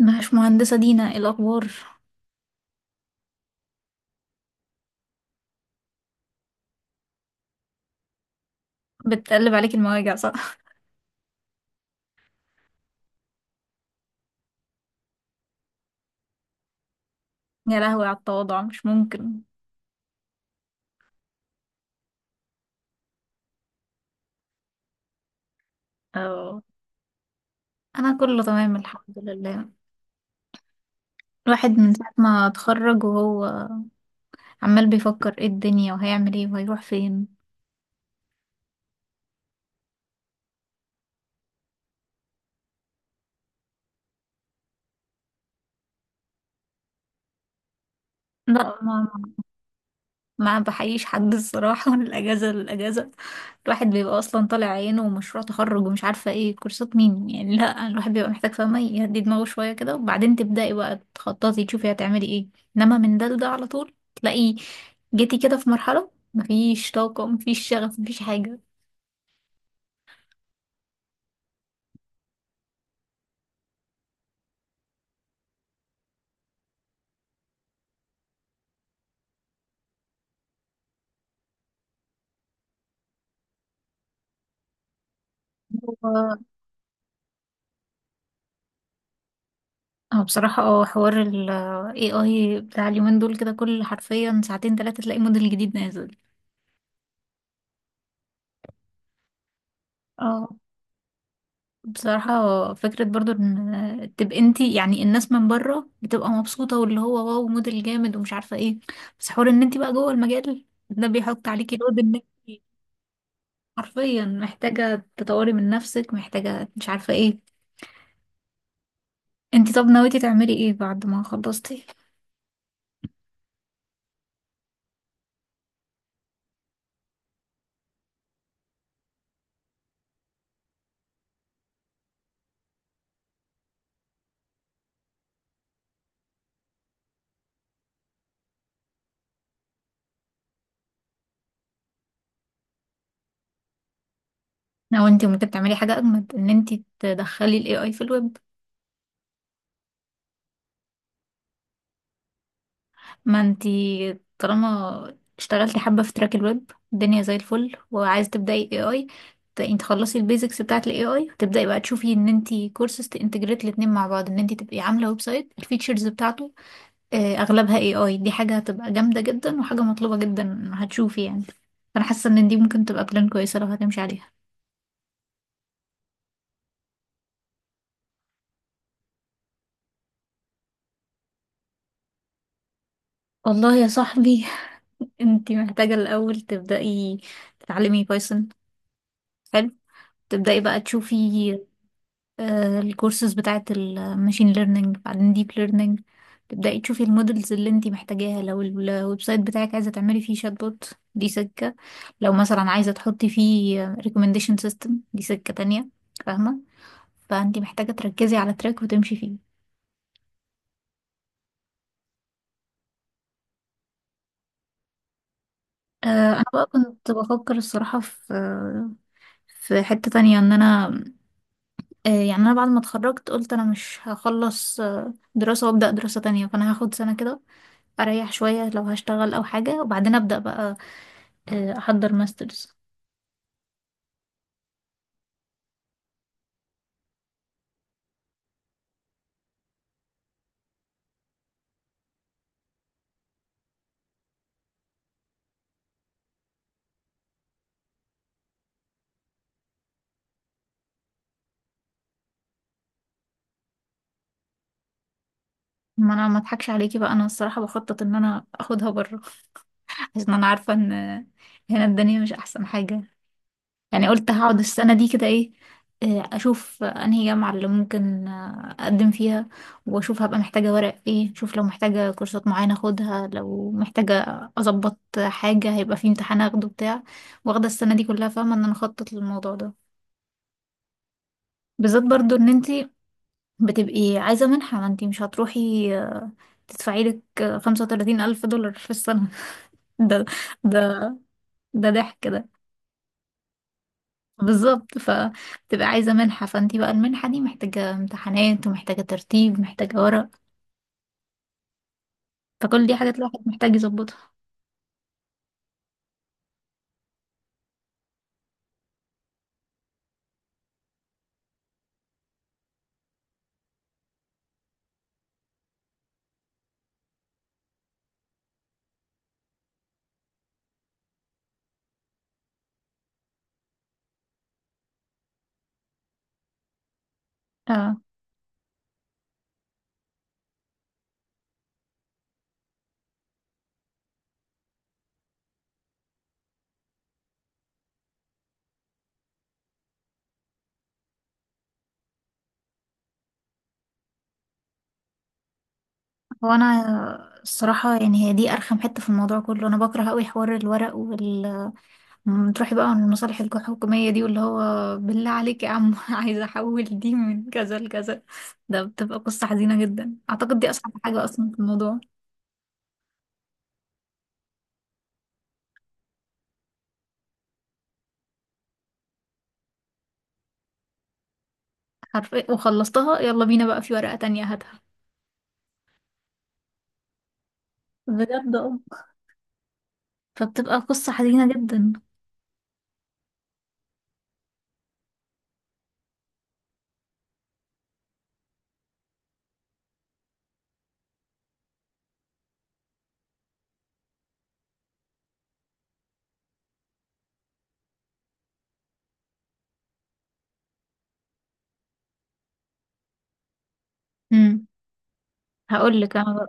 مش مهندسة دينا، إيه الأخبار؟ بتقلب عليك المواجع، صح؟ يا لهوي على التواضع، مش ممكن. اه. أنا كله تمام الحمد لله. الواحد من ساعة ما اتخرج وهو عمال بيفكر ايه الدنيا وهيعمل ايه وهيروح فين. لا، ما بحييش حد الصراحة. من الأجازة للأجازة الواحد بيبقى أصلا طالع عينه ومشروع تخرج ومش عارفة ايه كورسات مين، يعني لا الواحد بيبقى محتاج، فاهمة، يهدي دماغه شوية كده وبعدين تبدأي بقى تخططي تشوفي هتعملي ايه. انما من ده لده على طول تلاقي جيتي كده في مرحلة مفيش طاقة مفيش شغف مفيش حاجة. هو أنا بصراحة حوار ال AI بتاع اليومين دول كده، كل حرفيا ساعتين تلاتة تلاقي موديل جديد نازل. اه، بصراحة فكرة برضو ان تبقى انتي، يعني الناس من بره بتبقى مبسوطة واللي هو واو موديل جامد ومش عارفة ايه. بس حوار ان انتي بقى جوه المجال ده بيحط عليكي لود ان انتي حرفيا محتاجة تطوري من نفسك، محتاجة مش عارفة ايه. انتي طب ناويتي تعملي ايه بعد ما خلصتي؟ او انتي ممكن تعملي حاجة اجمد، ان انتي تدخلي الاي اي في الويب. ما انتي طالما اشتغلتي حبة في تراك الويب الدنيا زي الفل وعايزة تبدأي AI، انت تخلصي البيزكس بتاعة ال AI وتبدأي بقى تشوفي ان انتي كورسز تنتجريت الاتنين مع بعض، ان انتي تبقي عاملة ويب سايت الفيتشرز بتاعته اغلبها AI، دي حاجة هتبقى جامدة جدا وحاجة مطلوبة جدا هتشوفي يعني. انا حاسة ان دي ممكن تبقى بلان كويسة لو هتمشي عليها. والله يا صاحبي، انتي محتاجة الاول تبدأي تتعلمي بايثون، حلو. تبدأي بقى تشوفي الكورسز بتاعة الماشين ليرنينج بعدين ديب ليرنينج. تبدأي تشوفي المودلز اللي انتي محتاجاها، لو الويب سايت بتاعك عايزة تعملي فيه شات بوت دي سكة، لو مثلا عايزة تحطي فيه ريكومنديشن سيستم دي سكة تانية، فاهمة. فانتي محتاجة تركزي على تراك وتمشي فيه. آه، انا بقى كنت بفكر الصراحة في في حتة تانية ان انا، يعني انا بعد ما اتخرجت قلت انا مش هخلص دراسة وابدأ دراسة تانية، فانا هاخد سنة كده اريح شويه لو هشتغل او حاجه وبعدين ابدا بقى احضر ماسترز. ما انا ما اضحكش عليكي بقى، انا الصراحه بخطط ان انا اخدها بره عشان انا عارفه ان هنا الدنيا مش احسن حاجه. يعني قلت هقعد السنه دي كده، ايه، اشوف انهي جامعه اللي ممكن اقدم فيها واشوف هبقى محتاجه ورق ايه، اشوف لو محتاجه كورسات معينه اخدها، لو محتاجه اظبط حاجه، هيبقى في امتحان اخده بتاع، واخده السنه دي كلها، فاهمه ان انا اخطط للموضوع ده. بالذات برضو ان انتي بتبقي عايزة منحة، ما انتي مش هتروحي تدفعي لك 35,000 دولار في السنة. ده، ده ده ضحك ده. بالظبط، فبتبقى عايزة منحة فانتي بقى المنحة دي محتاجة امتحانات ومحتاجة ترتيب، محتاجة ورق. فكل دي حاجات الواحد محتاج يظبطها. اه، هو انا الصراحة يعني هي دي ارخم حتة في الموضوع كله، انا بكره قوي حوار الورق. تروحي بقى عن المصالح الحكومية دي، واللي هو بالله عليك يا عم عايزة أحول دي من كذا لكذا، ده بتبقى قصة حزينة جدا. أعتقد دي أصعب حاجة أصلا في الموضوع. حرفيا وخلصتها يلا بينا بقى، في ورقة تانية هاتها. بجد اه. فبتبقى قصة حزينة جدا. امم. هقول لك أنا بقى.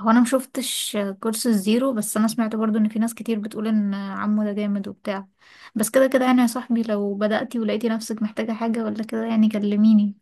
هو أنا مشوفتش كورس الزيرو، بس أنا سمعت برضو إن في ناس كتير بتقول إن عمو ده جامد وبتاع. بس كده كده يعني يا صاحبي، لو بدأتي ولقيتي نفسك محتاجة حاجة ولا كده يعني كلميني،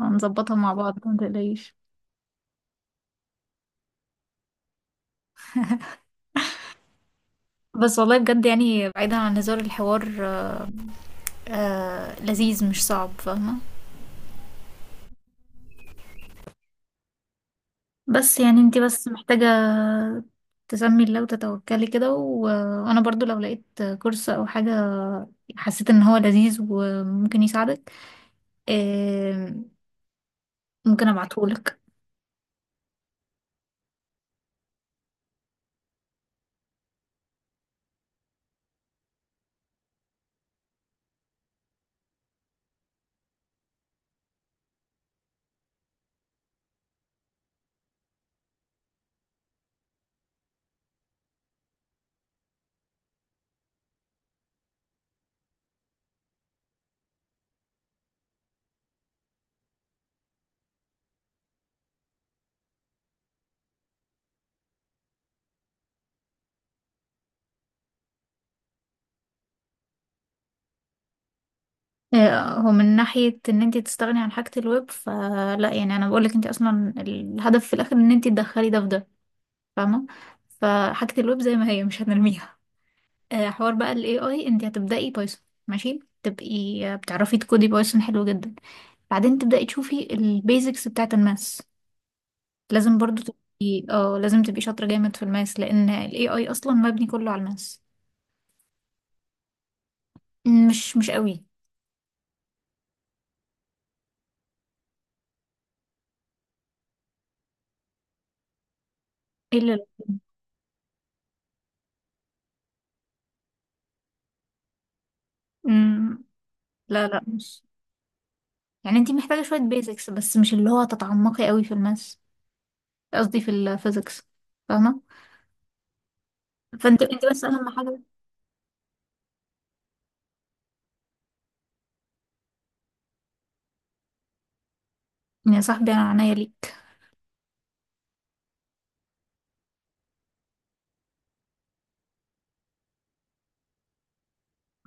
هنظبطها مع بعض، ما تقلقيش. بس والله بجد يعني بعيدا عن هزار الحوار، آه لذيذ مش صعب فاهمة. بس يعني انتي بس محتاجة تسمي الله وتتوكلي كده وانا برضو لو لقيت كورس او حاجة، حسيت ان هو لذيذ وممكن يساعدك، آه، ممكن ابعتهولك. هو من ناحية ان انتي تستغني عن حاجة الويب فلا، يعني انا بقولك انتي اصلا الهدف في الاخر ان انتي تدخلي ده في ده، فاهمة. فحاجة الويب زي ما هي مش هنرميها. حوار بقى ال AI، انت هتبدأي بايثون ماشي، تبقي بتعرفي تكودي بايثون حلو جدا. بعدين تبدأي تشوفي البيزكس بتاعة الماس. لازم برضو تبقي، اه، لازم تبقي شاطرة جامد في الماس لأن ال AI أصلا مبني كله على الماس. مش قوي. إلا لا. مم، لا لا مش، يعني انت محتاجة شوية بيزكس بس مش اللي هو تتعمقي قوي في الماس، قصدي في الفيزكس، فاهمة. فانت بس أهم حاجة. يا صاحبي أنا عناية ليك.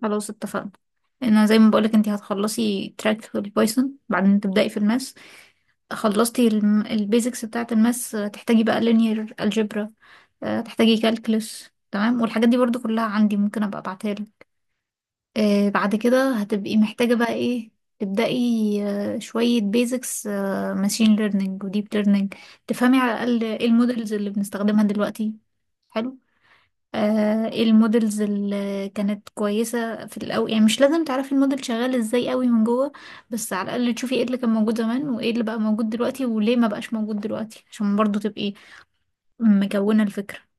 خلاص اتفقنا. انا زي ما بقولك انتي هتخلصي تراك في البايثون بعدين تبدأي في الماس. خلصتي البيزكس بتاعة الماس، تحتاجي بقى linear algebra، تحتاجي calculus، تمام، والحاجات دي برضو كلها عندي ممكن ابقى ابعتها لك. بعد كده هتبقي محتاجة بقى ايه، تبدأي شوية بيزكس ماشين ليرنينج وديب ليرنينج، تفهمي على الأقل ايه المودلز اللي بنستخدمها دلوقتي، حلو، ايه المودلز اللي كانت كويسة في الأول، يعني مش لازم تعرفي الموديل شغال ازاي قوي من جوه، بس على الأقل تشوفي ايه اللي كان موجود زمان وايه اللي بقى موجود دلوقتي وليه ما بقاش موجود دلوقتي، عشان برضو تبقي مكونة الفكرة.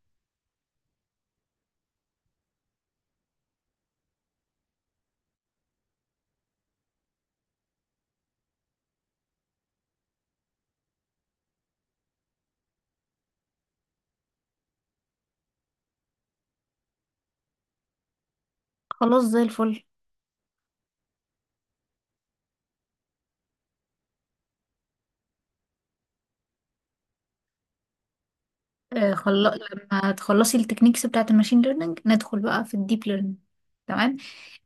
خلاص زي الفل. آه خل... لما تخلصي التكنيكس بتاعة الماشين ليرنينج ندخل بقى في الديب ليرنينج، تمام.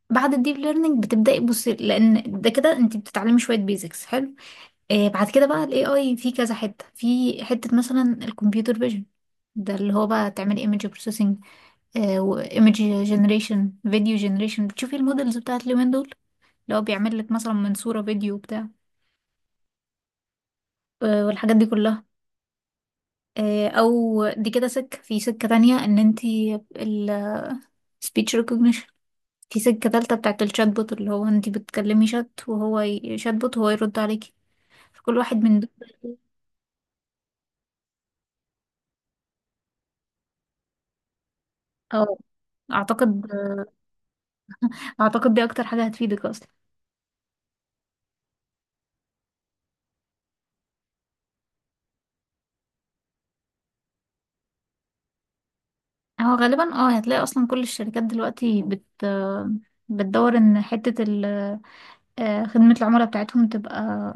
بعد الديب ليرنينج بتبدأي بصي، لأن ده كده انت بتتعلمي شوية بيزكس حلو. بعد كده بقى الاي اي في كذا حته، في حته مثلا الكمبيوتر فيجن، ده اللي هو بقى تعملي ايمج بروسيسنج وايمج جنريشن فيديو جنريشن، بتشوفي المودلز بتاعت اليومين دول اللي هو بيعمل لك مثلا من صوره فيديو بتاع، والحاجات دي كلها. او دي كده سكه في سكه تانية، ان انت السبيتش ريكوجنيشن، في سكه تالتة بتاعت الشات بوت اللي هو انت بتكلمي شات وهو شات بوت هو يرد عليكي. فكل واحد من دول، اه، اعتقد اعتقد دي اكتر حاجه هتفيدك اصلا. هو غالبا اه هتلاقي اصلا كل الشركات دلوقتي بتدور ان حتة ال خدمة العملاء بتاعتهم تبقى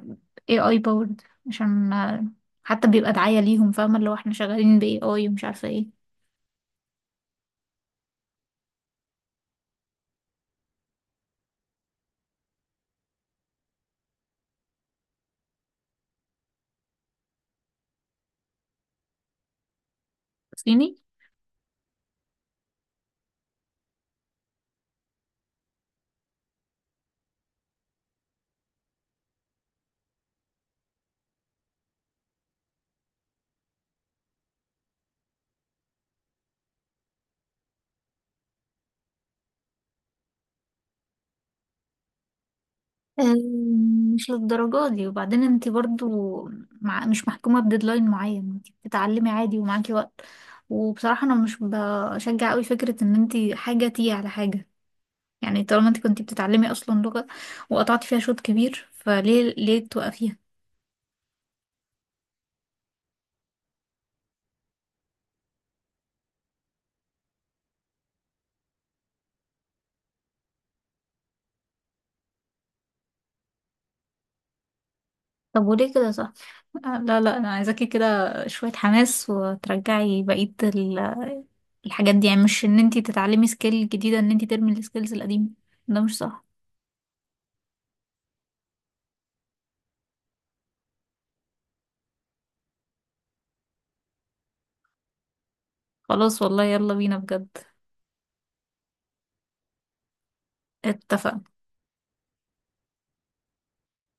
AI powered، عشان حتى بيبقى دعاية ليهم، فاهمة اللي هو احنا شغالين ب AI ومش عارفة ايه. صيني. مش للدرجة دي، وبعدين انت برضو، مع مش محكومة بديدلاين معين، انت بتتعلمي عادي ومعاكي وقت. وبصراحة انا مش بشجع قوي فكرة ان انت حاجة تيجي على حاجة، يعني طالما انت كنت بتتعلمي اصلا لغة وقطعتي فيها شوط كبير فليه ليه توقفيها. طب وليه كده، صح، لا لا انا عايزاكي كده شوية حماس وترجعي بقية الحاجات دي، يعني مش ان انت تتعلمي سكيل جديدة ان انت ترمي السكيلز القديمة، ده مش صح. خلاص والله يلا بينا بجد. اتفق.